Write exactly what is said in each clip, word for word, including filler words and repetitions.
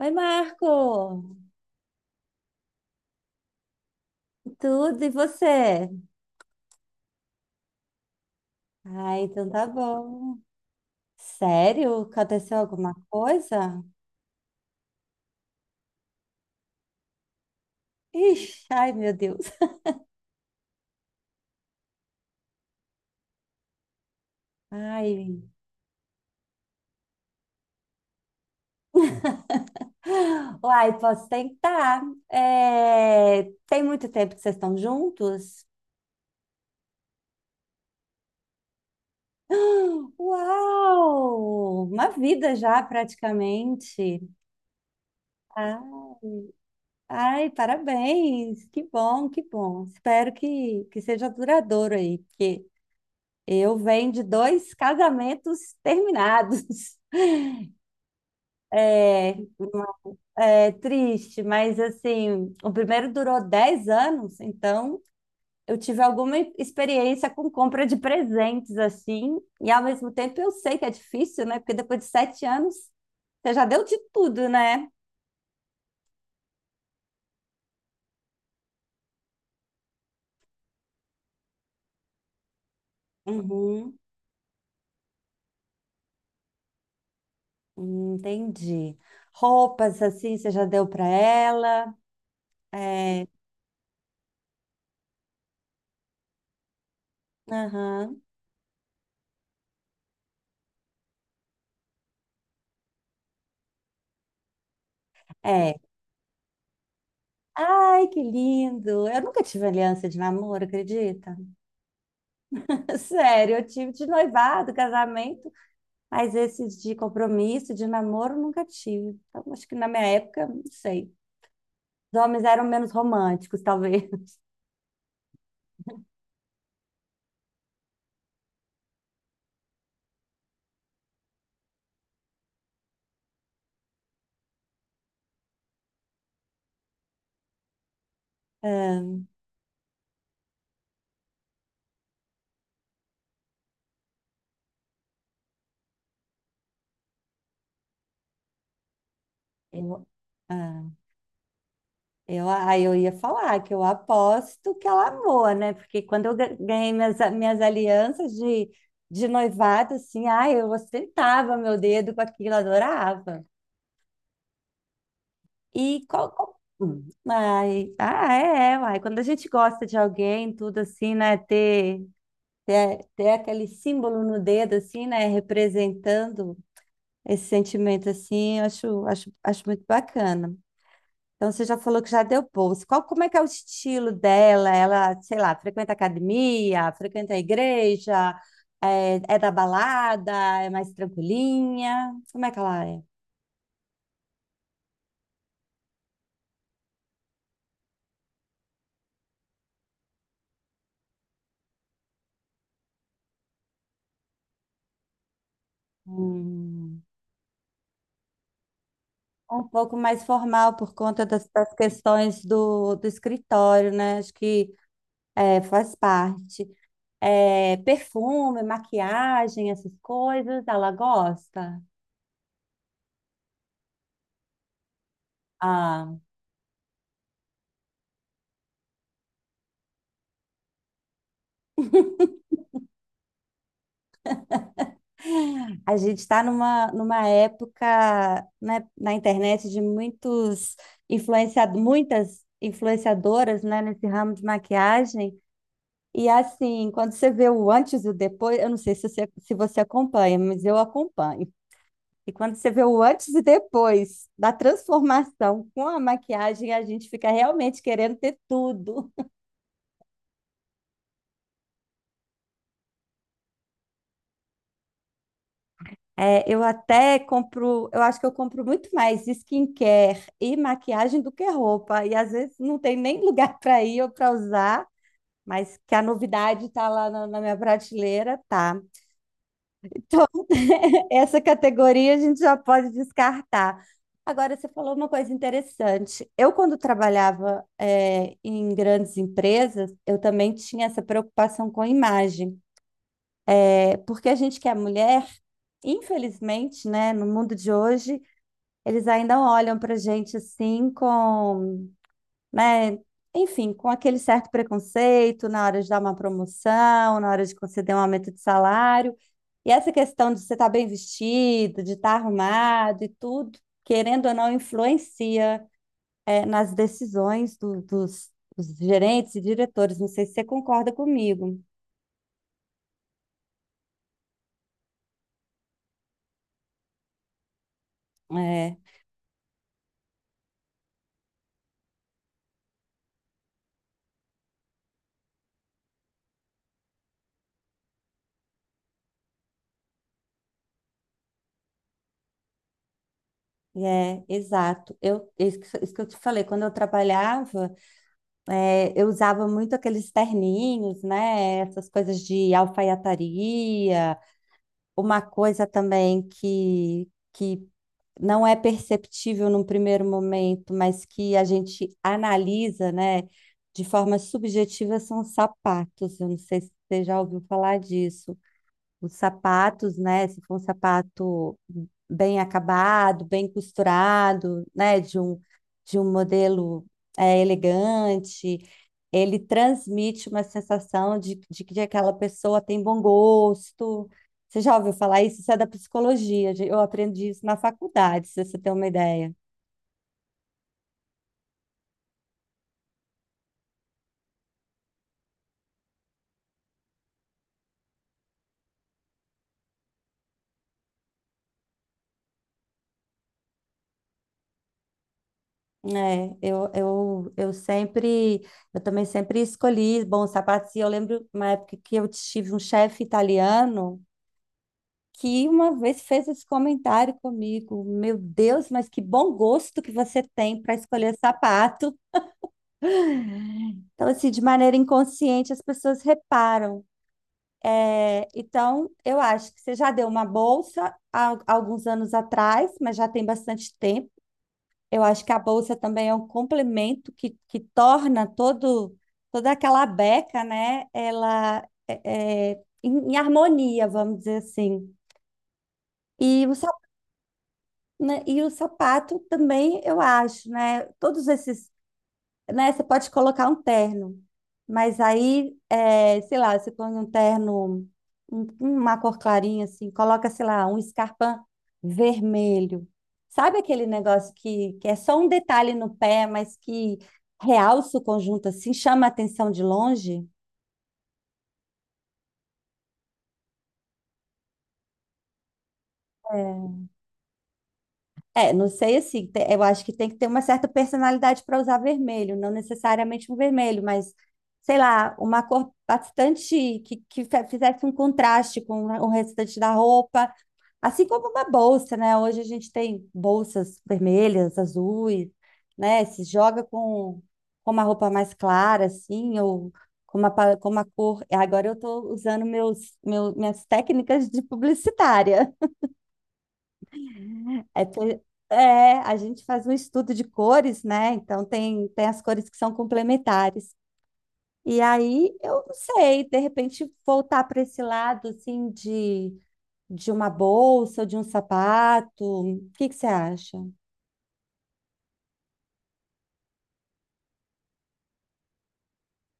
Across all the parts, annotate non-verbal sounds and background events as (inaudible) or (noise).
Oi, Marco! Tudo e você? Ah, então tá bom. Sério? Aconteceu alguma coisa? Ixi, ai, meu Deus. Ai. Uai, posso tentar. É, tem muito tempo que vocês estão juntos? Uau! Uma vida já, praticamente. Ah, ai, parabéns! Que bom, que bom. Espero que, que seja duradouro aí, porque eu venho de dois casamentos terminados. (laughs) É, é triste, mas assim, o primeiro durou dez anos, então eu tive alguma experiência com compra de presentes, assim, e ao mesmo tempo eu sei que é difícil, né? Porque depois de sete anos, você já deu de tudo, né? Uhum, hum, entendi. Roupas, assim, você já deu para ela? É, aham, é. Ai, que lindo! Eu nunca tive aliança de namoro, acredita? (laughs) Sério, eu tive de noivado, casamento, mas esses de compromisso, de namoro, nunca tive. Então, acho que na minha época, não sei. Os homens eram menos românticos, talvez. (laughs) É, eu, ah, eu, aí eu ia falar que eu aposto que ela amou, né? Porque quando eu ga- ganhei minhas, a- minhas alianças de, de noivado, assim, ai, eu ostentava meu dedo com aquilo, adorava. E qual, qual... hum, ai, ah, é, é, uai. Quando a gente gosta de alguém, tudo assim, né? Ter, ter, ter aquele símbolo no dedo, assim, né? Representando esse sentimento, assim, eu acho, acho, acho muito bacana. Então, você já falou que já deu bolsa. Qual, como é que é o estilo dela? Ela, sei lá, frequenta academia, frequenta a igreja, é, é da balada, é mais tranquilinha? Como é que ela é? Hum. Um pouco mais formal por conta das, das questões do, do escritório, né? Acho que é, faz parte. É, perfume, maquiagem, essas coisas, ela gosta. Ah, a gente está numa, numa época, né, na internet de muitos influenciado, muitas influenciadoras, né, nesse ramo de maquiagem. E assim, quando você vê o antes e o depois, eu não sei se você, se você acompanha, mas eu acompanho. E quando você vê o antes e depois da transformação com a maquiagem, a gente fica realmente querendo ter tudo. É, eu até compro, eu acho que eu compro muito mais skincare e maquiagem do que roupa. E às vezes não tem nem lugar (laughs) para ir ou para usar, mas que a novidade está lá na, na minha prateleira, tá. Então, (laughs) essa categoria a gente já pode descartar. Agora, você falou uma coisa interessante. Eu, quando trabalhava, eh, em grandes empresas, eu também tinha essa preocupação com a imagem. É, porque a gente que é mulher, infelizmente, né, no mundo de hoje, eles ainda olham para a gente assim com, né? Enfim, com aquele certo preconceito na hora de dar uma promoção, na hora de conceder um aumento de salário. E essa questão de você estar bem vestido, de estar arrumado e tudo, querendo ou não, influencia, eh, nas decisões do- dos, dos gerentes e diretores. Não sei se você concorda comigo. É, é, exato. Eu, isso que isso que eu te falei, quando eu trabalhava, eh, eu usava muito aqueles terninhos, né? Essas coisas de alfaiataria. Uma coisa também que, que não é perceptível num primeiro momento, mas que a gente analisa, né, de forma subjetiva, são os sapatos. Eu não sei se você já ouviu falar disso. Os sapatos, né? Se for um sapato bem acabado, bem costurado, né? De um, de um modelo é, elegante, ele transmite uma sensação de, de que aquela pessoa tem bom gosto. Você já ouviu falar isso? Isso é da psicologia, gente. Eu aprendi isso na faculdade, se você tem uma ideia. É, eu, eu, eu sempre, eu também sempre escolhi bons sapatos. E eu lembro uma época que eu tive um chefe italiano que uma vez fez esse comentário comigo. Meu Deus, mas que bom gosto que você tem para escolher sapato. Então, assim, de maneira inconsciente, as pessoas reparam. É, então, eu acho que você já deu uma bolsa há alguns anos atrás, mas já tem bastante tempo. Eu acho que a bolsa também é um complemento que, que torna todo, toda aquela beca, né? Ela é, é, em em harmonia, vamos dizer assim. E os, né, e o sapato também, eu acho, né? Todos esses, né? Você pode colocar um terno, mas aí, é, sei lá, você põe um terno, um- uma cor clarinha assim, coloca, sei lá, um escarpão vermelho. Sabe aquele negócio que, que é só um detalhe no pé, mas que realça o conjunto assim, chama a atenção de longe? É. É, não sei assim, te- eu acho que tem que ter uma certa personalidade para usar vermelho, não necessariamente um vermelho, mas sei lá, uma cor bastante que, que fe- fizesse um contraste com o restante da roupa, assim como uma bolsa, né? Hoje a gente tem bolsas vermelhas, azuis, né? Se joga com, com uma roupa mais clara, assim, ou com uma, pa- com uma cor. Agora eu estou usando meus, meu, minhas técnicas de publicitária. É, ter- é, a gente faz um estudo de cores, né? Então tem, tem as cores que são complementares. E aí eu não sei, de repente voltar para esse lado assim de, de uma bolsa, ou de um sapato. O que que você acha?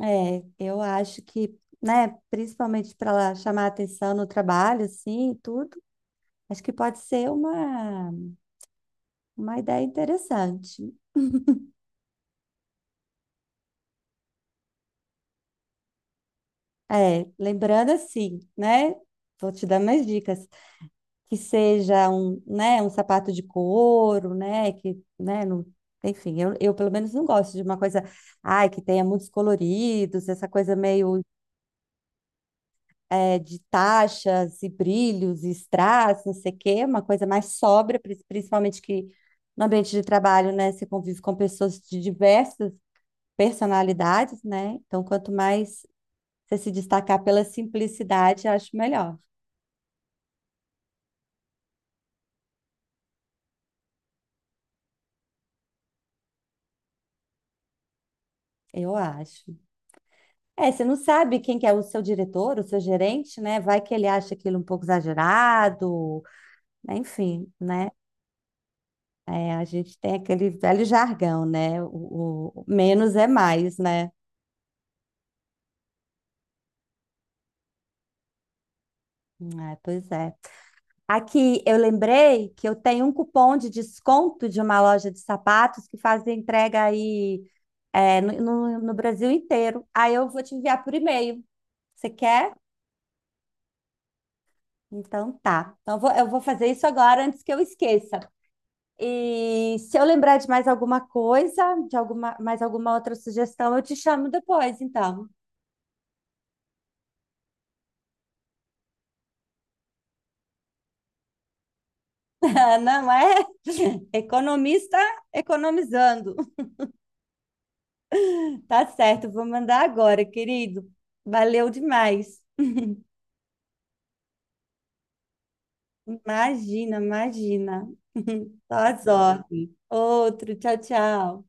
É, eu acho que, né, principalmente para chamar atenção no trabalho, assim, e tudo, acho que pode ser uma, uma ideia interessante. É, lembrando assim, né? Vou te dar mais dicas. Que seja um, né, um sapato de couro, né, que, né, não, enfim, eu, eu pelo menos não gosto de uma coisa, ai, que tenha muitos coloridos, essa coisa meio é, de taxas e brilhos e strass, não sei o quê, uma coisa mais sóbria, prin- principalmente que no ambiente de trabalho, né, você convive com pessoas de diversas personalidades, né, então quanto mais você se destacar pela simplicidade, acho melhor, eu acho. É, você não sabe quem que é o seu diretor, o seu gerente, né? Vai que ele acha aquilo um pouco exagerado, né? Enfim, né? É, a gente tem aquele velho jargão, né? O, o menos é mais, né? É, pois é. Aqui eu lembrei que eu tenho um cupom de desconto de uma loja de sapatos que faz entrega aí é, no, no no Brasil inteiro. Aí eu vou te enviar por e-mail. Você quer? Então tá. Então eu vou eu vou fazer isso agora antes que eu esqueça. E se eu lembrar de mais alguma coisa, de alguma, mais alguma outra sugestão, eu te chamo depois, então. (laughs) Não é? Economista economizando. Tá certo, vou mandar agora, querido. Valeu demais. Imagina, imagina. (laughs) Só as ordens. Outro, tchau, tchau.